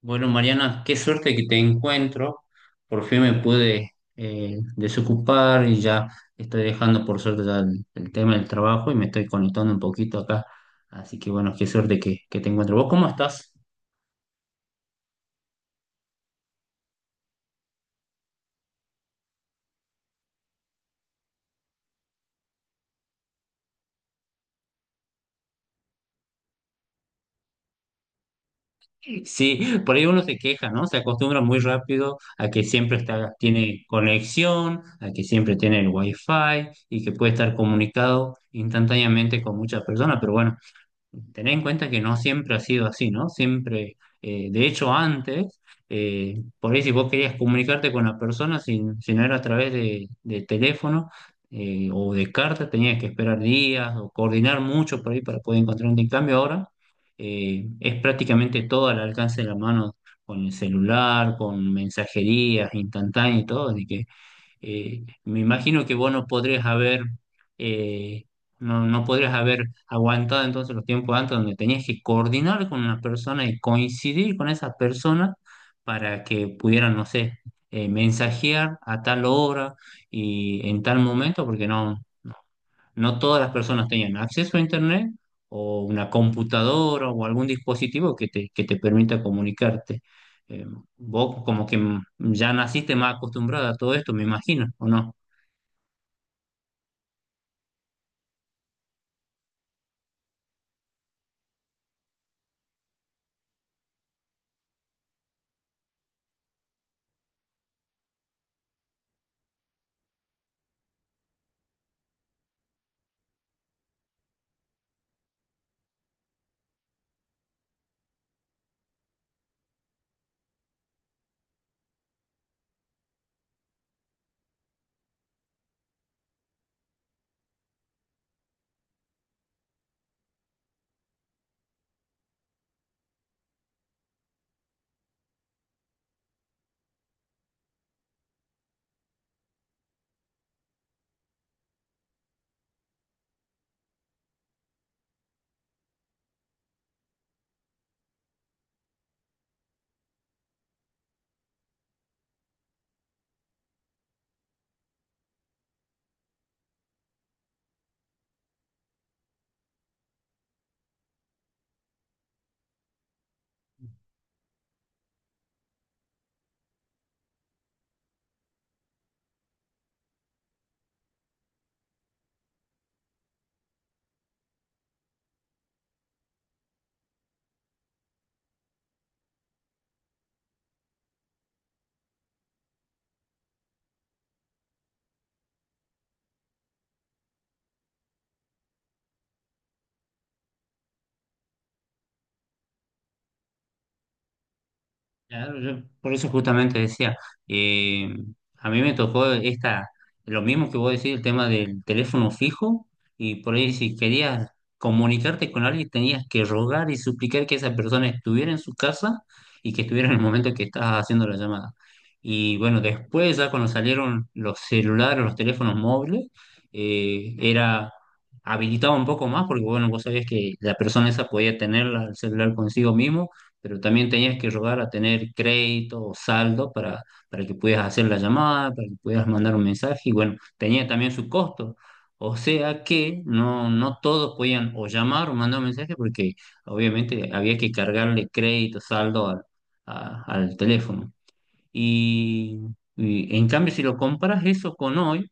Bueno, Mariana, qué suerte que te encuentro. Por fin me pude desocupar y ya estoy dejando por suerte ya el tema del trabajo y me estoy conectando un poquito acá. Así que bueno, qué suerte que te encuentro. ¿Vos cómo estás? Sí, por ahí uno se queja, ¿no? Se acostumbra muy rápido a que siempre está, tiene conexión, a que siempre tiene el wifi y que puede estar comunicado instantáneamente con muchas personas. Pero bueno, tener en cuenta que no siempre ha sido así, ¿no? Siempre, de hecho, antes, por ahí si vos querías comunicarte con la persona, si no era a través de teléfono o de carta, tenías que esperar días o coordinar mucho por ahí para poder encontrar un cambio. Ahora es prácticamente todo al alcance de la mano con el celular, con mensajerías instantáneas y todo, de que me imagino que vos no podrías eh, no podrías haber aguantado entonces los tiempos antes donde tenías que coordinar con una persona y coincidir con esa persona para que pudieran, no sé, mensajear a tal hora y en tal momento, porque no todas las personas tenían acceso a internet o una computadora o algún dispositivo que te permita comunicarte. Eh, Vos como que ya naciste más acostumbrada a todo esto, me imagino, ¿o no? Claro, yo por eso justamente decía, eh, a mí me tocó esta, lo mismo que vos decís, el tema del teléfono fijo, y por ahí si querías comunicarte con alguien tenías que rogar y suplicar que esa persona estuviera en su casa y que estuviera en el momento que estabas haciendo la llamada. Y bueno, después ya cuando salieron los celulares, los teléfonos móviles, era habilitado un poco más porque bueno, vos sabías que la persona esa podía tener el celular consigo mismo, pero también tenías que rogar a tener crédito o saldo para que pudieras hacer la llamada, para que pudieras mandar un mensaje, y bueno, tenía también su costo. O sea que no todos podían o llamar o mandar un mensaje porque obviamente había que cargarle crédito, saldo al teléfono. Y, y en cambio, si lo comparas eso con hoy,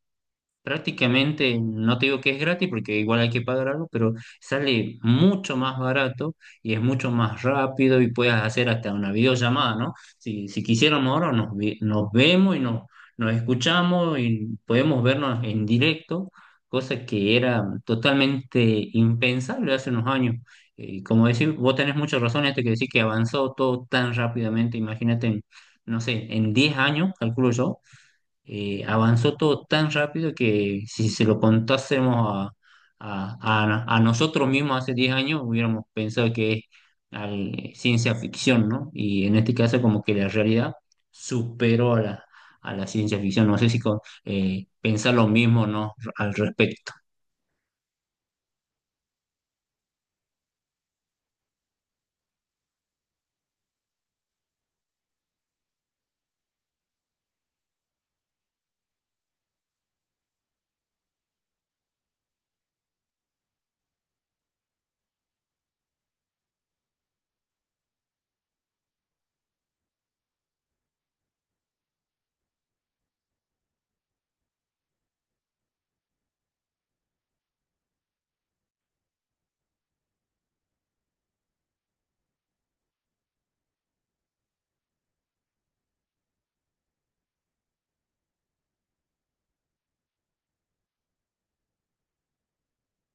prácticamente, no te digo que es gratis porque igual hay que pagar algo, pero sale mucho más barato y es mucho más rápido y puedes hacer hasta una videollamada, ¿no? Si quisiéramos ahora nos vemos y nos escuchamos y podemos vernos en directo, cosa que era totalmente impensable hace unos años. Y como decís, vos tenés mucha razón en esto que decís que avanzó todo tan rápidamente, imagínate, no sé, en 10 años, calculo yo. Avanzó todo tan rápido que si se lo contásemos a- a nosotros mismos hace 10 años, hubiéramos pensado que es ciencia ficción, ¿no? Y en este caso como que la realidad superó a a la ciencia ficción. No sé si pensar lo mismo, ¿no? Al respecto.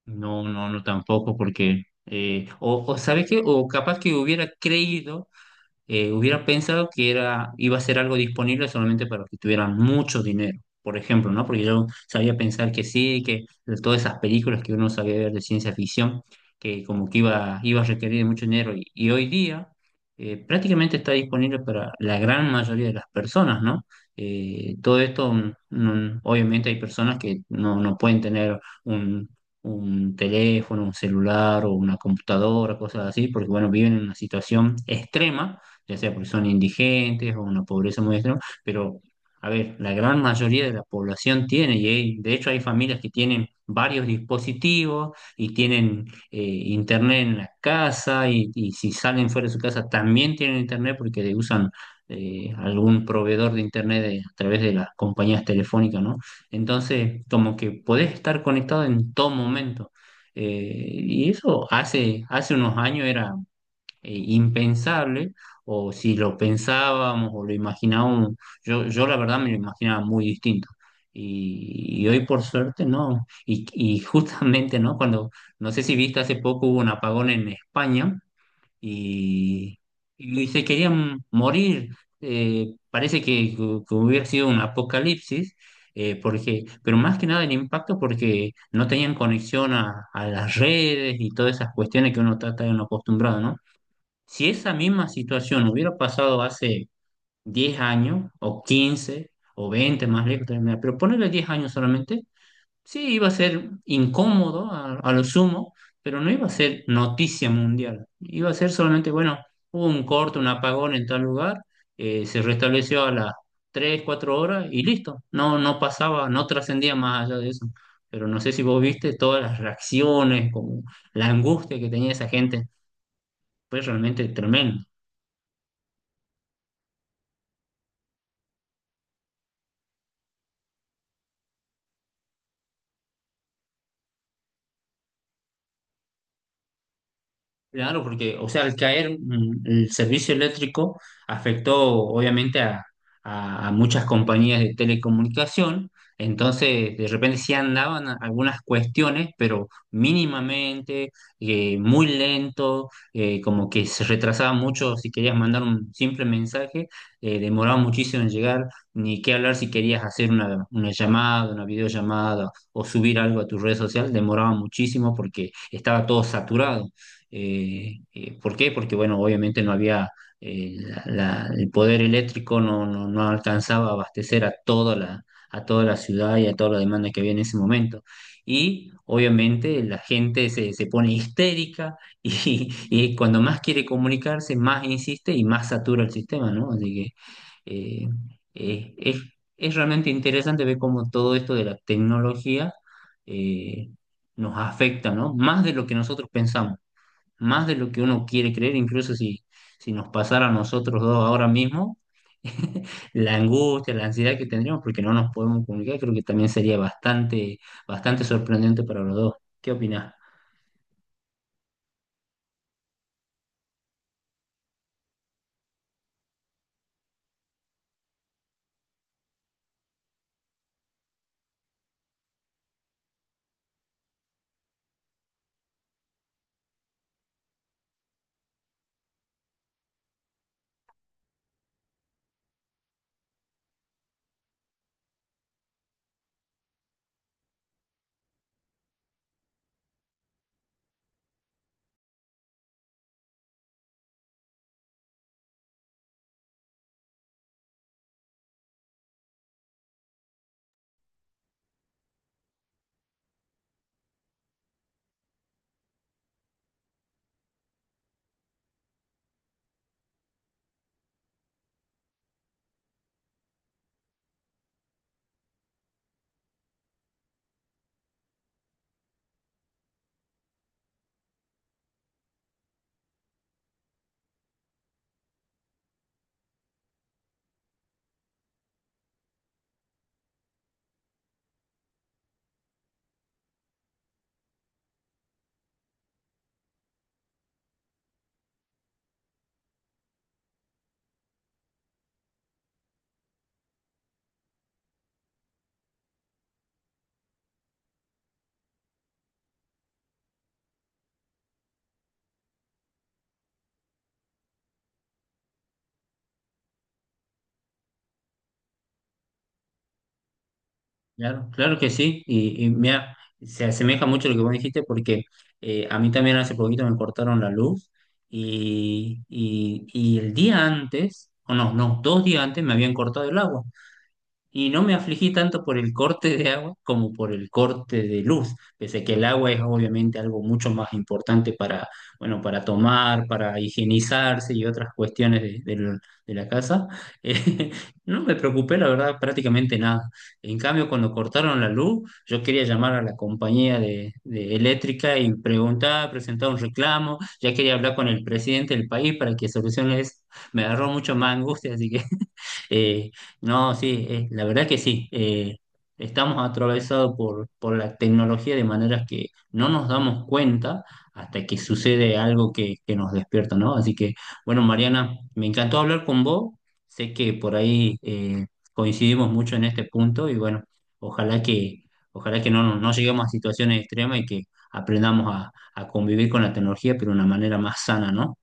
No, no tampoco, porque o ¿sabes qué? O capaz que hubiera creído, hubiera pensado que era, iba a ser algo disponible solamente para los que tuvieran mucho dinero, por ejemplo, ¿no? Porque yo sabía pensar que sí, que de todas esas películas que uno sabía ver de ciencia ficción, que como que iba a requerir de mucho dinero. Y hoy día prácticamente está disponible para la gran mayoría de las personas, ¿no? Todo esto, obviamente hay personas que no pueden tener un... un teléfono, un celular o una computadora, cosas así, porque bueno, viven en una situación extrema, ya sea porque son indigentes o una pobreza muy extrema, pero a ver, la gran mayoría de la población tiene, y de hecho hay familias que tienen varios dispositivos y tienen internet en la casa y si salen fuera de su casa también tienen internet porque le usan algún proveedor de internet a través de las compañías telefónicas, ¿no? Entonces, como que podés estar conectado en todo momento. Y eso hace, hace unos años era impensable, o si lo pensábamos o lo imaginábamos, yo la verdad me lo imaginaba muy distinto. Y hoy por suerte no. Y justamente, ¿no? Cuando, no sé si viste, hace poco hubo un apagón en España y, y se querían morir. Parece que hubiera sido un apocalipsis. Porque, pero más que nada el impacto porque no tenían conexión a las redes y todas esas cuestiones que uno está tan acostumbrado, ¿no? Si esa misma situación hubiera pasado hace 10 años, o 15 o 20 más lejos, pero ponerle 10 años solamente, sí iba a ser incómodo a lo sumo, pero no iba a ser noticia mundial. Iba a ser solamente, bueno, hubo un corte, un apagón en tal lugar, se restableció a las 3 o 4 horas y listo. No pasaba, no trascendía más allá de eso. Pero no sé si vos viste todas las reacciones, como la angustia que tenía esa gente. Fue realmente tremendo. Claro, porque, o sea, al caer el servicio eléctrico afectó obviamente a muchas compañías de telecomunicación, entonces de repente sí andaban algunas cuestiones, pero mínimamente, muy lento, como que se retrasaba mucho si querías mandar un simple mensaje, demoraba muchísimo en llegar, ni qué hablar si querías hacer una llamada, una videollamada o subir algo a tu red social, demoraba muchísimo porque estaba todo saturado. ¿Por qué? Porque, bueno, obviamente no había el poder eléctrico, no alcanzaba a abastecer a toda a toda la ciudad y a toda la demanda que había en ese momento. Y obviamente la gente se pone histérica y cuando más quiere comunicarse, más insiste y más satura el sistema, ¿no? Así que eh, eh, es, es realmente interesante ver cómo todo esto de la tecnología eh, nos afecta, ¿no? Más de lo que nosotros pensamos, más de lo que uno quiere creer, incluso si nos pasara a nosotros dos ahora mismo, la angustia, la ansiedad que tendríamos porque no nos podemos comunicar, creo que también sería bastante sorprendente para los dos. ¿Qué opinás? Claro, claro que sí, y mira, se asemeja mucho a lo que vos dijiste porque a mí también hace poquito me cortaron la luz y el día antes, o no, no, 2 días antes me habían cortado el agua. Y no me afligí tanto por el corte de agua como por el corte de luz, pese que el agua es obviamente algo mucho más importante para, bueno, para tomar, para higienizarse y otras cuestiones de de la casa. Eh, no me preocupé, la verdad, prácticamente nada. En cambio, cuando cortaron la luz, yo quería llamar a la compañía de eléctrica y preguntar, presentar un reclamo, ya quería hablar con el presidente del país para que solucione eso. Me agarró mucho más angustia, así que... Eh, no, Sí, la verdad que sí. Estamos atravesados por la tecnología de maneras que no nos damos cuenta hasta que sucede algo que nos despierta, ¿no? Así que, bueno, Mariana, me encantó hablar con vos. Sé que por ahí coincidimos mucho en este punto y bueno, ojalá que, ojalá que no lleguemos a situaciones extremas y que aprendamos a convivir con la tecnología, pero de una manera más sana, ¿no?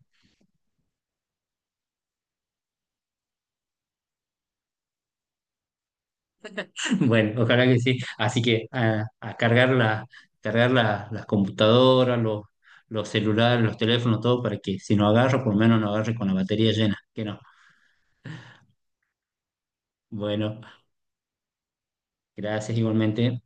Bueno, ojalá que sí. Así que a cargar cargar las computadoras, los celulares, los teléfonos, todo para que si no agarro, por lo menos no agarre con la batería llena. Que no. Bueno, gracias igualmente.